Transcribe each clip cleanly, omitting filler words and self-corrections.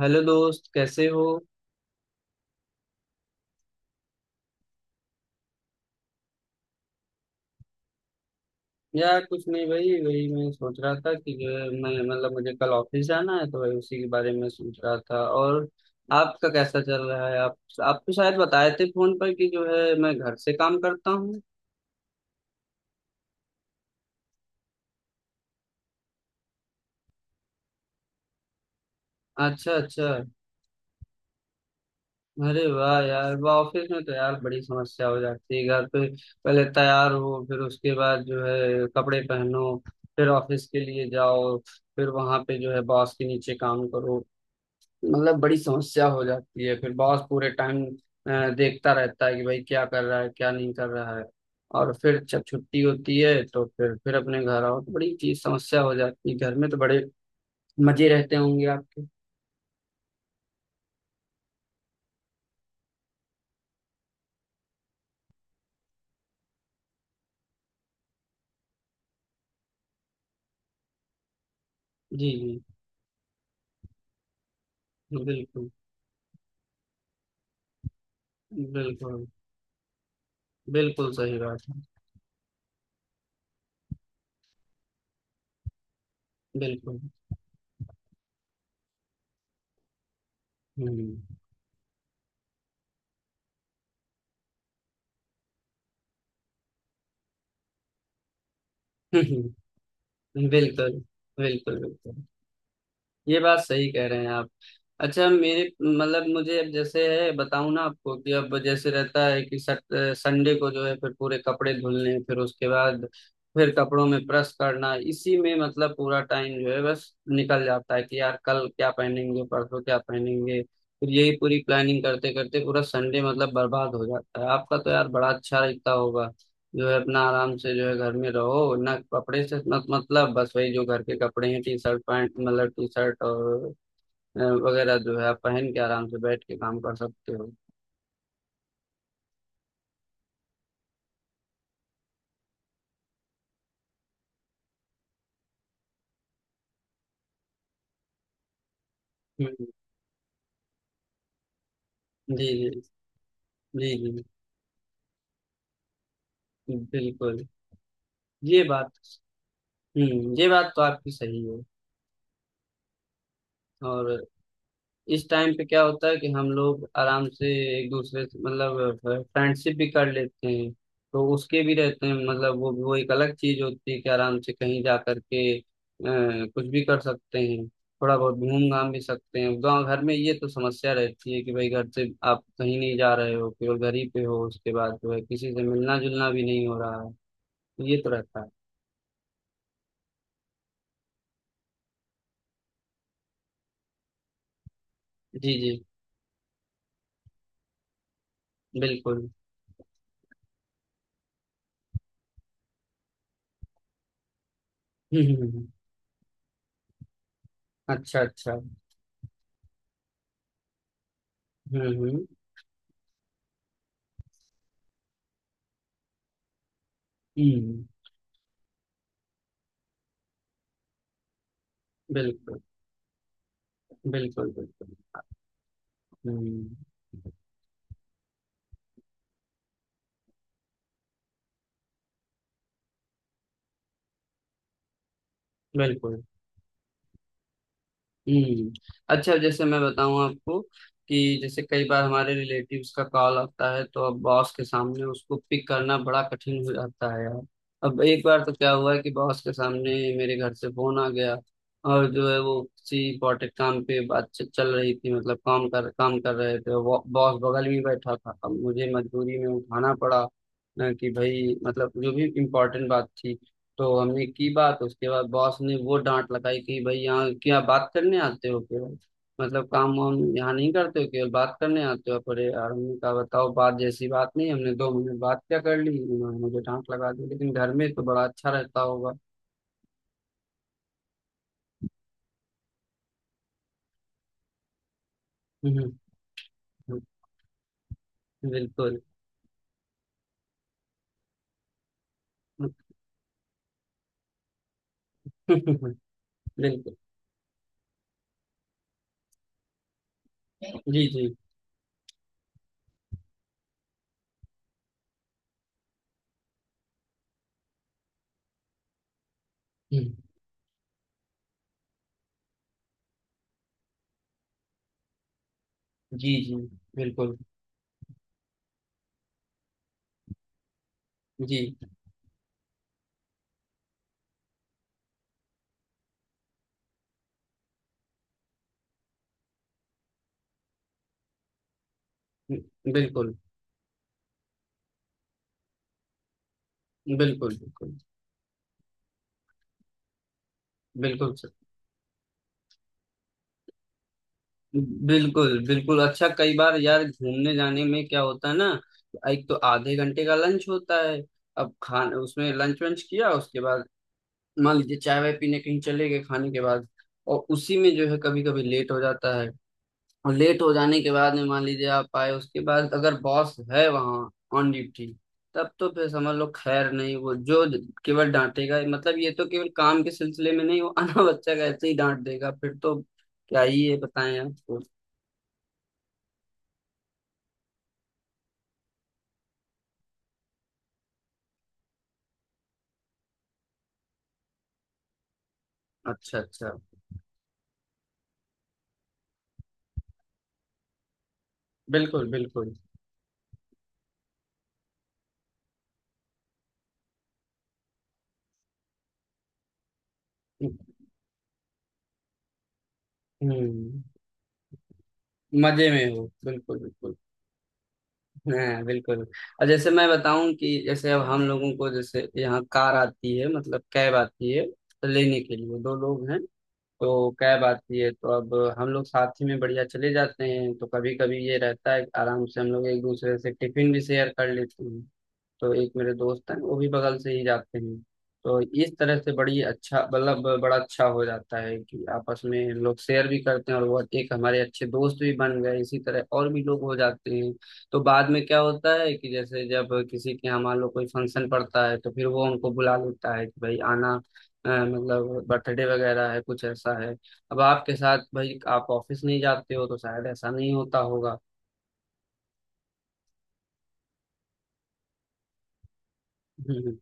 Hello दोस्त, कैसे हो? यार, कुछ नहीं भाई। वही मैं सोच रहा था कि जो है, मैं मतलब मुझे कल ऑफिस जाना है, तो वही उसी के बारे में सोच रहा था। और आपका कैसा चल रहा है? आप तो शायद बताए थे फोन पर कि जो है, मैं घर से काम करता हूँ। अच्छा, अच्छा। अरे वाह यार, वाह! ऑफिस में तो यार बड़ी समस्या हो जाती है। घर पे पहले तैयार हो, फिर उसके बाद जो है कपड़े पहनो, फिर ऑफिस के लिए जाओ, फिर वहां पे जो है बॉस के नीचे काम करो। मतलब बड़ी समस्या हो जाती है। फिर बॉस पूरे टाइम देखता रहता है कि भाई क्या कर रहा है, क्या नहीं कर रहा है। और फिर जब छुट्टी होती है तो फिर अपने घर आओ तो बड़ी चीज समस्या हो जाती है। घर में तो बड़े मजे रहते होंगे आपके। जी। जी बिल्कुल। बिल्कुल, बिल्कुल सही बात है। बिल्कुल। हम्म। बिल्कुल, बिल्कुल। बिल्कुल ये बात सही कह रहे हैं आप। अच्छा, मेरे मतलब मुझे अब जैसे है बताऊं ना आपको कि अब जैसे रहता है कि सट संडे को जो है फिर पूरे कपड़े धुलने, फिर उसके बाद फिर कपड़ों में प्रेस करना, इसी में मतलब पूरा टाइम जो है बस निकल जाता है कि यार कल क्या पहनेंगे, परसों क्या पहनेंगे, फिर यही पूरी प्लानिंग करते करते पूरा संडे मतलब बर्बाद हो जाता है। आपका तो यार बड़ा अच्छा रहता होगा, जो है अपना आराम से जो है घर में रहो ना। कपड़े से मत मतलब बस वही जो घर के कपड़े हैं, टी शर्ट पैंट, मतलब टी शर्ट और अ, वगैरह जो है आप पहन के आराम से बैठ के काम कर सकते हो। हम्म। जी। जी जी। जी बिल्कुल। ये बात। हम्म, ये बात तो आपकी सही है। और इस टाइम पे क्या होता है कि हम लोग आराम से एक दूसरे से मतलब फ्रेंडशिप भी कर लेते हैं। तो उसके भी रहते हैं, मतलब वो एक अलग चीज होती है कि आराम से कहीं जा करके कुछ भी कर सकते हैं। थोड़ा बहुत घूम घाम भी सकते हैं। गाँव घर में ये तो समस्या रहती है कि भाई घर से आप कहीं नहीं जा रहे हो, केवल घर ही पे हो, उसके बाद जो है किसी से मिलना जुलना भी नहीं हो रहा है। ये तो रहता है। जी जी। बिल्कुल। हम्म, अच्छा, अच्छा। हम्म, हम्म। हम्म। बिल्कुल, बिल्कुल। बिल्कुल। हम्म। बिल्कुल। हम्म। अच्छा, जैसे मैं बताऊं आपको कि जैसे कई बार हमारे रिलेटिव्स का कॉल आता है, तो अब बॉस के सामने उसको पिक करना बड़ा कठिन हो जाता है यार। अब एक बार तो क्या हुआ कि बॉस के सामने मेरे घर से फोन आ गया। और जो है, वो किसी इम्पोर्टेंट काम पे बातचीत चल रही थी, मतलब काम कर रहे थे। बॉस बगल में बैठा था। अब मुझे मजबूरी में उठाना पड़ा, कि भाई मतलब जो भी इम्पोर्टेंट बात थी तो हमने की बात। उसके बाद बॉस ने वो डांट लगाई कि भाई यहाँ क्या बात करने आते हो केवल, मतलब काम वाम यहाँ नहीं करते हो, केवल बात करने आते हो। पर यार हमने कहा बताओ, बात जैसी बात नहीं, हमने 2 मिनट बात क्या कर ली, उन्होंने मुझे डांट लगा दी। लेकिन घर में तो बड़ा अच्छा रहता होगा। हम्म, हम्म। बिल्कुल। बिल्कुल। जी जी। हम्म, जी जी। बिल्कुल। जी। बिल्कुल, बिल्कुल, बिल्कुल, बिल्कुल, बिल्कुल, बिल्कुल। अच्छा, कई बार यार घूमने जाने में क्या होता है ना, एक तो आधे घंटे का लंच होता है। अब खान उसमें लंच वंच किया, उसके बाद मान लीजिए चाय वाय पीने कहीं चले गए खाने के बाद। और उसी में जो है कभी कभी लेट हो जाता है। और लेट हो जाने के बाद में मान लीजिए आप आए, उसके बाद अगर बॉस है वहाँ ऑन ड्यूटी, तब तो फिर समझ लो खैर नहीं। वो जो केवल डांटेगा, मतलब ये तो केवल काम के सिलसिले में नहीं, वो अनाबच्चा का ऐसे ही डांट देगा फिर तो। क्या ही है बताएं आपको। अच्छा, अच्छा। बिल्कुल, बिल्कुल। हम्म। मजे में हो, बिल्कुल, बिल्कुल। हाँ बिल्कुल। और जैसे मैं बताऊं कि जैसे अब हम लोगों को, जैसे यहाँ कार आती है मतलब कैब आती है, तो लेने के लिए दो लोग हैं। तो कैब आती है तो अब हम लोग साथ ही में बढ़िया चले जाते हैं। तो कभी कभी ये रहता है कि आराम से हम लोग एक दूसरे से टिफिन भी शेयर कर लेते हैं। तो एक मेरे दोस्त हैं, वो भी बगल से ही जाते हैं। तो इस तरह से बड़ी अच्छा मतलब बड़ा अच्छा हो जाता है कि आपस में लोग शेयर भी करते हैं, और वो एक हमारे अच्छे दोस्त भी बन गए। इसी तरह और भी लोग हो जाते हैं। तो बाद में क्या होता है कि जैसे जब किसी के यहाँ मान लो कोई फंक्शन पड़ता है, तो फिर वो उनको बुला लेता है कि भाई आना, मतलब बर्थडे वगैरह है, कुछ ऐसा है। अब आपके साथ भाई आप ऑफिस नहीं जाते हो तो शायद ऐसा नहीं होता होगा। हम्म।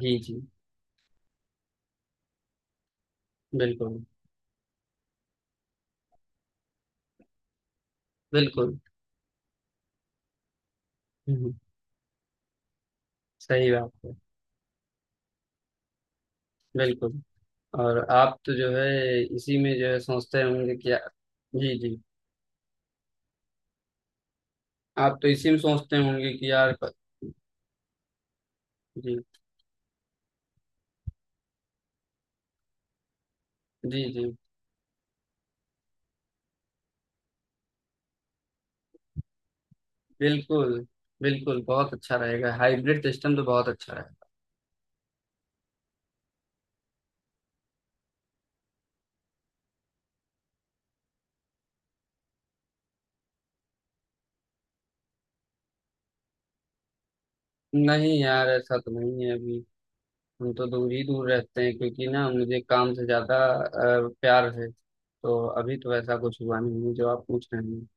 जी जी। बिल्कुल। बिल्कुल। हम्म, सही बात है। बिल्कुल। और आप तो जो है इसी में जो है सोचते होंगे कि यार। जी जी। आप तो इसी में सोचते होंगे कि यार। जी। जी जी। बिल्कुल, बिल्कुल। बहुत अच्छा रहेगा हाइब्रिड सिस्टम तो, बहुत अच्छा रहेगा। नहीं यार, ऐसा तो नहीं है अभी। हम तो दूर ही दूर रहते हैं, क्योंकि ना मुझे काम से ज्यादा प्यार है। तो अभी तो ऐसा कुछ हुआ नहीं है जो आप पूछ रहे हैं।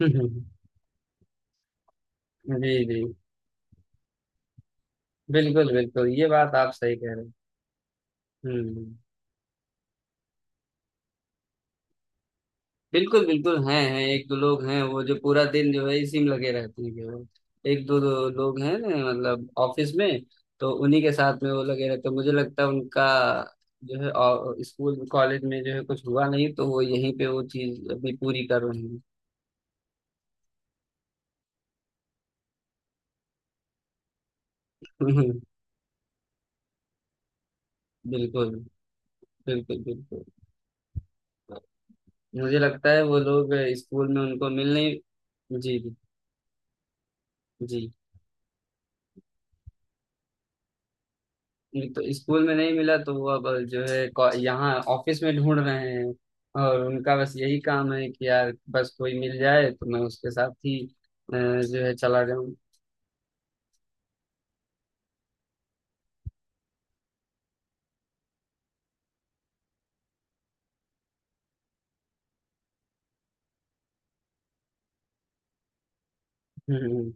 जी जी। बिल्कुल, बिल्कुल ये बात आप सही कह रहे हैं। हम्म। बिल्कुल, बिल्कुल, हैं, एक दो लोग हैं वो जो पूरा दिन जो है इसी में लगे रहते हैं केवल। एक दो, दो लोग हैं मतलब ऑफिस में। तो उन्हीं के साथ में वो लगे रहते हैं। मुझे लगता है उनका जो है, और स्कूल कॉलेज में जो है कुछ हुआ नहीं तो वो यहीं पे वो चीज अभी पूरी कर रहे हैं। बिल्कुल, बिल्कुल, बिल्कुल। मुझे लगता है वो लोग स्कूल में उनको मिल नहीं। जी जी। तो स्कूल में नहीं मिला तो वो अब जो है यहाँ ऑफिस में ढूंढ रहे हैं। और उनका बस यही काम है कि यार बस कोई मिल जाए तो मैं उसके साथ ही जो है चला जाऊं। हम्म,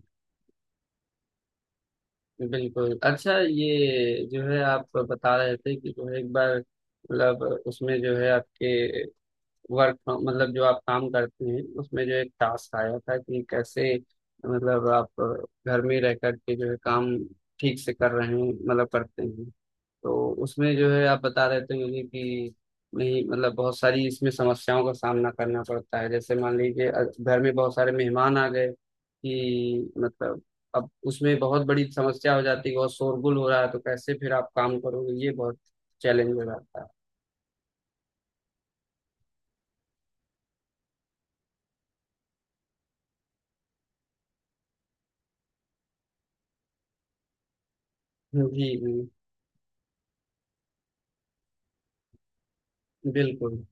बिल्कुल। अच्छा, ये जो है आप बता रहे थे कि जो है एक बार, मतलब उसमें जो है आपके वर्क, मतलब जो आप काम करते हैं, उसमें जो एक टास्क आया था कि कैसे मतलब आप घर में रह करके जो है काम ठीक से कर रहे हैं, मतलब करते हैं। तो उसमें जो है आप बता रहे थे मुझे कि नहीं मतलब बहुत सारी इसमें समस्याओं का सामना करना पड़ता है। जैसे मान लीजिए, घर में बहुत सारे मेहमान आ गए, कि मतलब अब उसमें बहुत बड़ी समस्या हो जाती है, बहुत शोरगुल हो रहा है, तो कैसे फिर आप काम करोगे, ये बहुत चैलेंज हो जाता है। जी जी। बिल्कुल,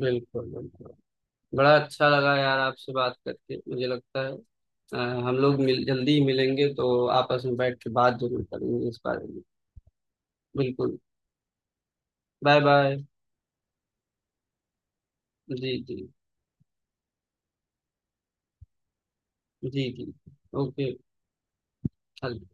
बिल्कुल, बिल्कुल। बड़ा अच्छा लगा यार आपसे बात करके। मुझे लगता है अ, हम लोग मिल जल्दी ही मिलेंगे तो आपस में बैठ के बात जरूर करेंगे इस बारे में। बिल्कुल। Bye bye. जी जी। जी जी। ओके। चल।